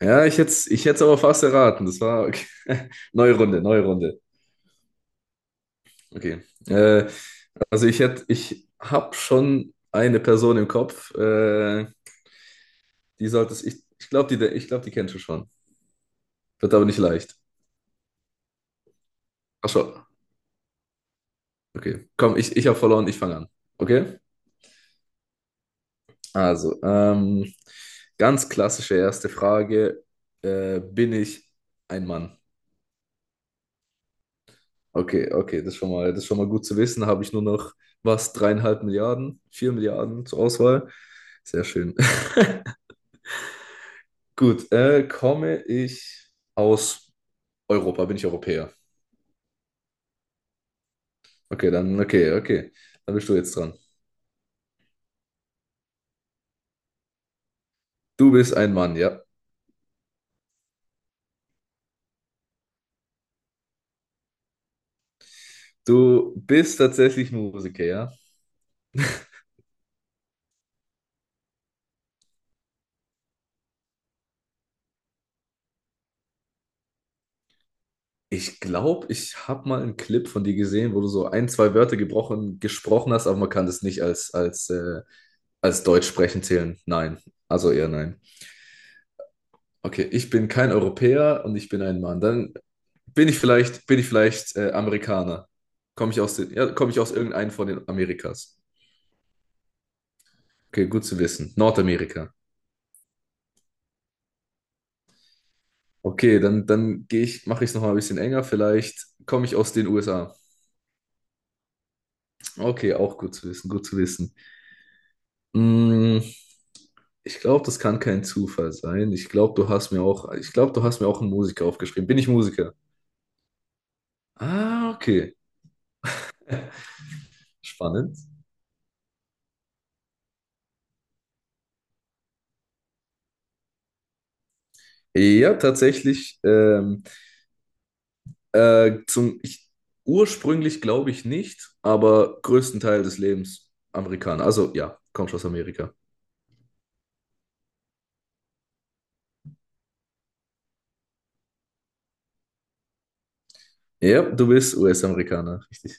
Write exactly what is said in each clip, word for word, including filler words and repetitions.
Ja, ich hätte ich hätte aber fast erraten. Das war okay. Neue Runde, neue Runde. Okay. Äh, also ich hätte, ich habe schon eine Person im Kopf. Äh, die solltest ich, ich glaube, die, ich glaube, die kennst du schon. Wird aber nicht leicht. Ach so, okay. Komm, ich, ich habe verloren, ich fange an. Okay? Also, ähm, ganz klassische erste Frage. Äh, bin ich ein Mann? Okay, okay, das ist schon mal, das ist schon mal gut zu wissen. Habe ich nur noch was, dreieinhalb Milliarden, vier Milliarden zur Auswahl. Sehr schön. Gut, äh, komme ich aus Europa? Bin ich Europäer? Okay, dann, okay, okay. Dann bist du jetzt dran. Du bist ein Mann, ja. Du bist tatsächlich Musiker, ja. Ich glaube, ich habe mal einen Clip von dir gesehen, wo du so ein, zwei Wörter gebrochen, gesprochen hast, aber man kann das nicht als, als, äh, als Deutsch sprechen zählen. Nein, also eher nein. Okay, ich bin kein Europäer und ich bin ein Mann. Dann bin ich vielleicht, bin ich vielleicht äh, Amerikaner. Komme ich aus den, ja, komme ich aus irgendeinem von den Amerikas. Okay, gut zu wissen. Nordamerika. Okay, dann, dann gehe ich, mache ich es nochmal ein bisschen enger. Vielleicht komme ich aus den U S A. Okay, auch gut zu wissen, gut zu wissen. Mm, ich glaube, das kann kein Zufall sein. Ich glaube, du hast mir auch, ich glaube, du hast mir auch einen Musiker aufgeschrieben. Bin ich Musiker? Ah, okay. Spannend. Ja, tatsächlich. Ähm, Äh, zum, ich, ursprünglich glaube ich nicht, aber größten Teil des Lebens Amerikaner. Also ja, kommst aus Amerika. Ja, du bist U S-Amerikaner, richtig.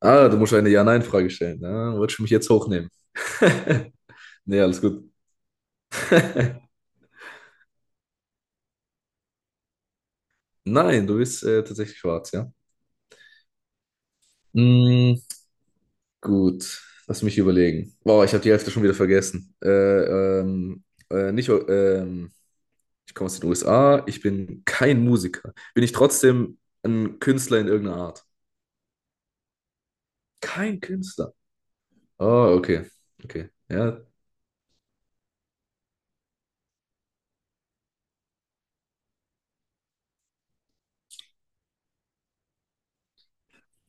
Ah, du musst eine Ja-Nein-Frage stellen. Ah, wolltest du mich jetzt hochnehmen? Nee, alles gut. Nein, du bist äh, tatsächlich schwarz, ja. Mm, gut, lass mich überlegen. Wow, ich habe die Hälfte schon wieder vergessen. Äh, ähm, äh, nicht, ähm, ich komme aus den U S A, ich bin kein Musiker. Bin ich trotzdem ein Künstler in irgendeiner Art? Kein Künstler. Oh, okay. Okay. Ja.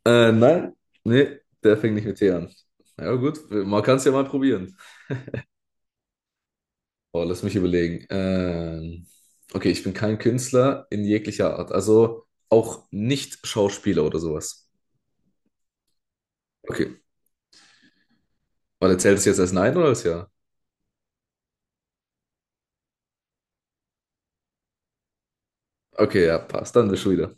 Äh, nein. Nee, der fängt nicht mit T an. Ja, gut. Man kann es ja mal probieren. Oh, lass mich überlegen. Ähm, okay, ich bin kein Künstler in jeglicher Art. Also auch nicht Schauspieler oder sowas. Okay. Oder zählt es jetzt als Nein oder als Ja? Okay, ja, passt. Dann bist schon wieder.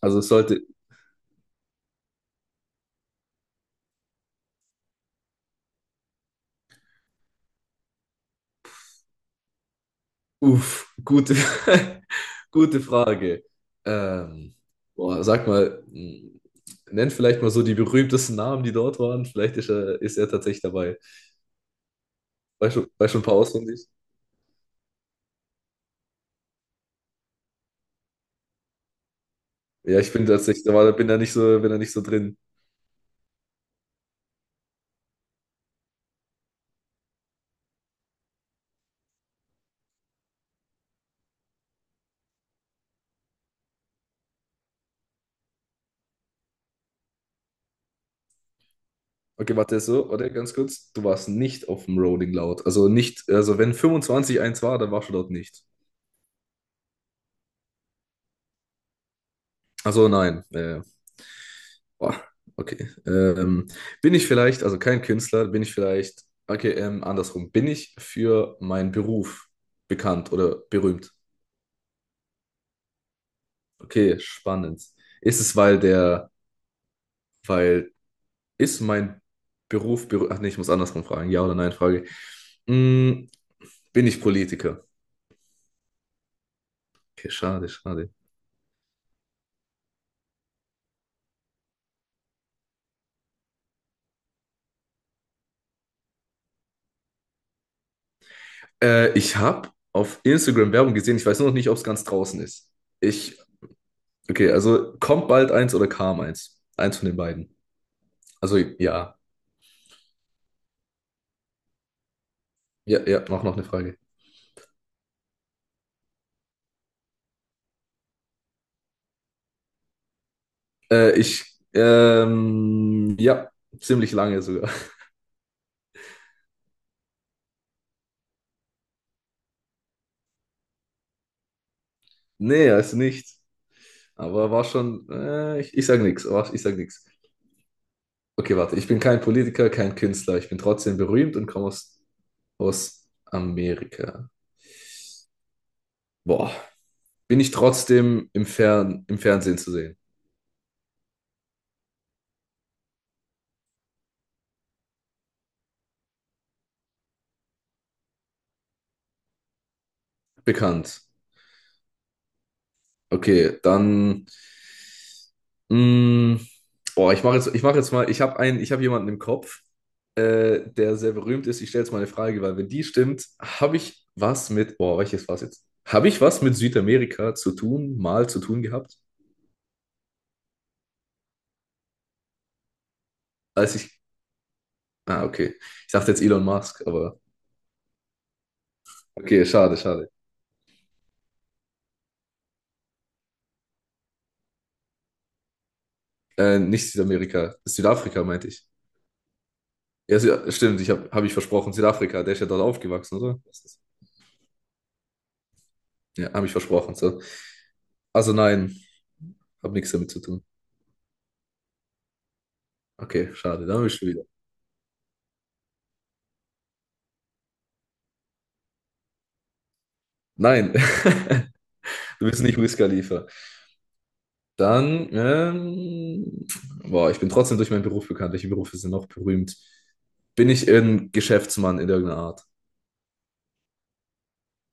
Also es sollte. Uff, gute, gute Frage. Ähm, boah, sag mal, m, nenn vielleicht mal so die berühmtesten Namen, die dort waren. Vielleicht ist er, ist er tatsächlich dabei. Weißt du, weißt du ein paar auswendig? Ja, ich bin tatsächlich, da war, bin da nicht so, bin da nicht so drin. Okay, warte, so, oder ganz kurz. Du warst nicht auf dem Rolling Loud. Also nicht, also wenn fünfundzwanzig eins war, dann warst du dort nicht. Also nein. Äh, boah, okay. Ähm, bin ich vielleicht, also kein Künstler, bin ich vielleicht, okay, ähm, andersrum, bin ich für meinen Beruf bekannt oder berühmt? Okay, spannend. Ist es, weil der, weil, ist mein Beruf berühmt? Ach nee, ich muss andersrum fragen. Ja oder nein, Frage. Mm, bin ich Politiker? Okay, schade, schade. Äh, ich habe auf Instagram Werbung gesehen, ich weiß nur noch nicht, ob es ganz draußen ist. Ich, okay, also kommt bald eins oder kam eins? Eins von den beiden. Also ja. Ja, ja, mach noch eine Frage. Äh, ich, ähm, ja, ziemlich lange sogar. Nee, er ist nicht. Aber war schon, äh, ich, ich sag nichts, ich sag nichts. Okay, warte, ich bin kein Politiker, kein Künstler. Ich bin trotzdem berühmt und komme aus, aus Amerika. Boah, bin ich trotzdem im Fern, im Fernsehen zu sehen? Bekannt. Okay, dann. Mh, oh, ich mache jetzt, ich mache jetzt mal, ich habe einen, ich habe jemanden im Kopf, äh, der sehr berühmt ist. Ich stelle jetzt mal eine Frage, weil wenn die stimmt, habe ich was mit, boah, welches war's jetzt? Habe ich was mit Südamerika zu tun, mal zu tun gehabt? Als ich, ah, okay. Ich dachte jetzt Elon Musk, aber okay, schade, schade. Äh, nicht Südamerika, Südafrika meinte ich. Ja, Sü stimmt, ich habe hab hab ich versprochen, Südafrika, der ist ja dort aufgewachsen, oder? Ja, habe ich versprochen, so. Also nein. Hab nichts damit zu tun. Okay, schade, da bist du wieder. Nein, du bist nicht Wiz Khalifa. Dann, ähm, boah, ich bin trotzdem durch meinen Beruf bekannt. Welche Berufe sind noch berühmt? Bin ich ein Geschäftsmann in irgendeiner Art?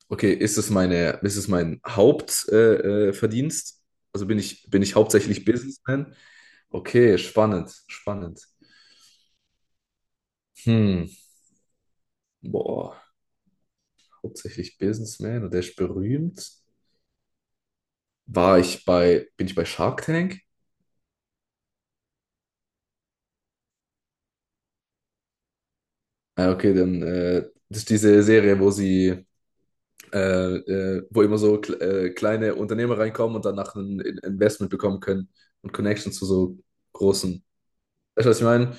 Okay, ist es meine, ist es mein Hauptverdienst? Äh, äh, Verdienst? also bin ich, bin ich hauptsächlich Businessman? Okay, spannend, spannend. Hm, boah, hauptsächlich Businessman und der ist berühmt. War ich bei, bin ich bei Shark Tank? Ah, okay, dann äh, das ist diese Serie, wo sie, äh, äh, wo immer so kle- äh, kleine Unternehmer reinkommen und danach ein In- Investment bekommen können und Connections zu so großen. Weißt du, was ich meine?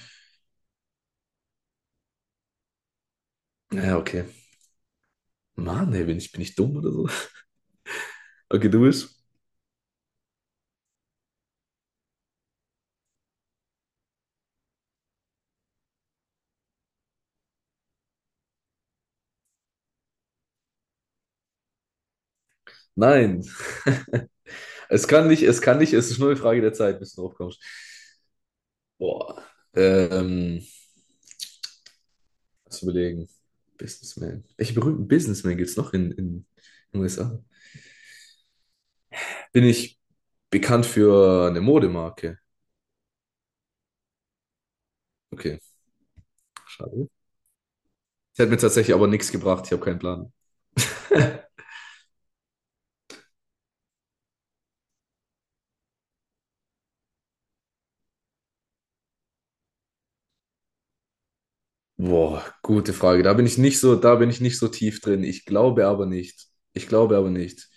Ja, okay. Mann, ey, bin ich, bin ich dumm oder so? Okay, du bist? Nein. Es kann nicht, es kann nicht, es ist nur eine Frage der Zeit, bis du drauf kommst. Boah. Ähm, lass überlegen. Businessman. Welche berühmten Businessmen gibt es noch in, in, in den U S A? Bin ich bekannt für eine Modemarke? Okay. Schade. Das hat mir tatsächlich aber nichts gebracht. Ich habe keinen Plan. Boah, gute Frage. Da bin ich nicht so, da bin ich nicht so tief drin. Ich glaube aber nicht. Ich glaube aber nicht.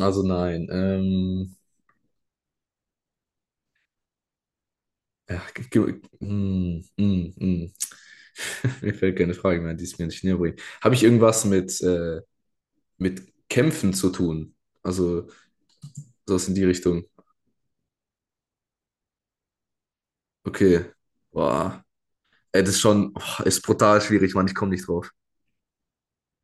Also nein. Ähm, ja, ge- ge- mm, mm, mm. Mir fällt keine Frage mehr, die es mir nicht näher bringt. Habe ich irgendwas mit, äh, mit Kämpfen zu tun? Also sowas in die Richtung. Okay. Boah. Ey, das ist schon, oh, ist brutal schwierig, Mann. Ich komme nicht drauf.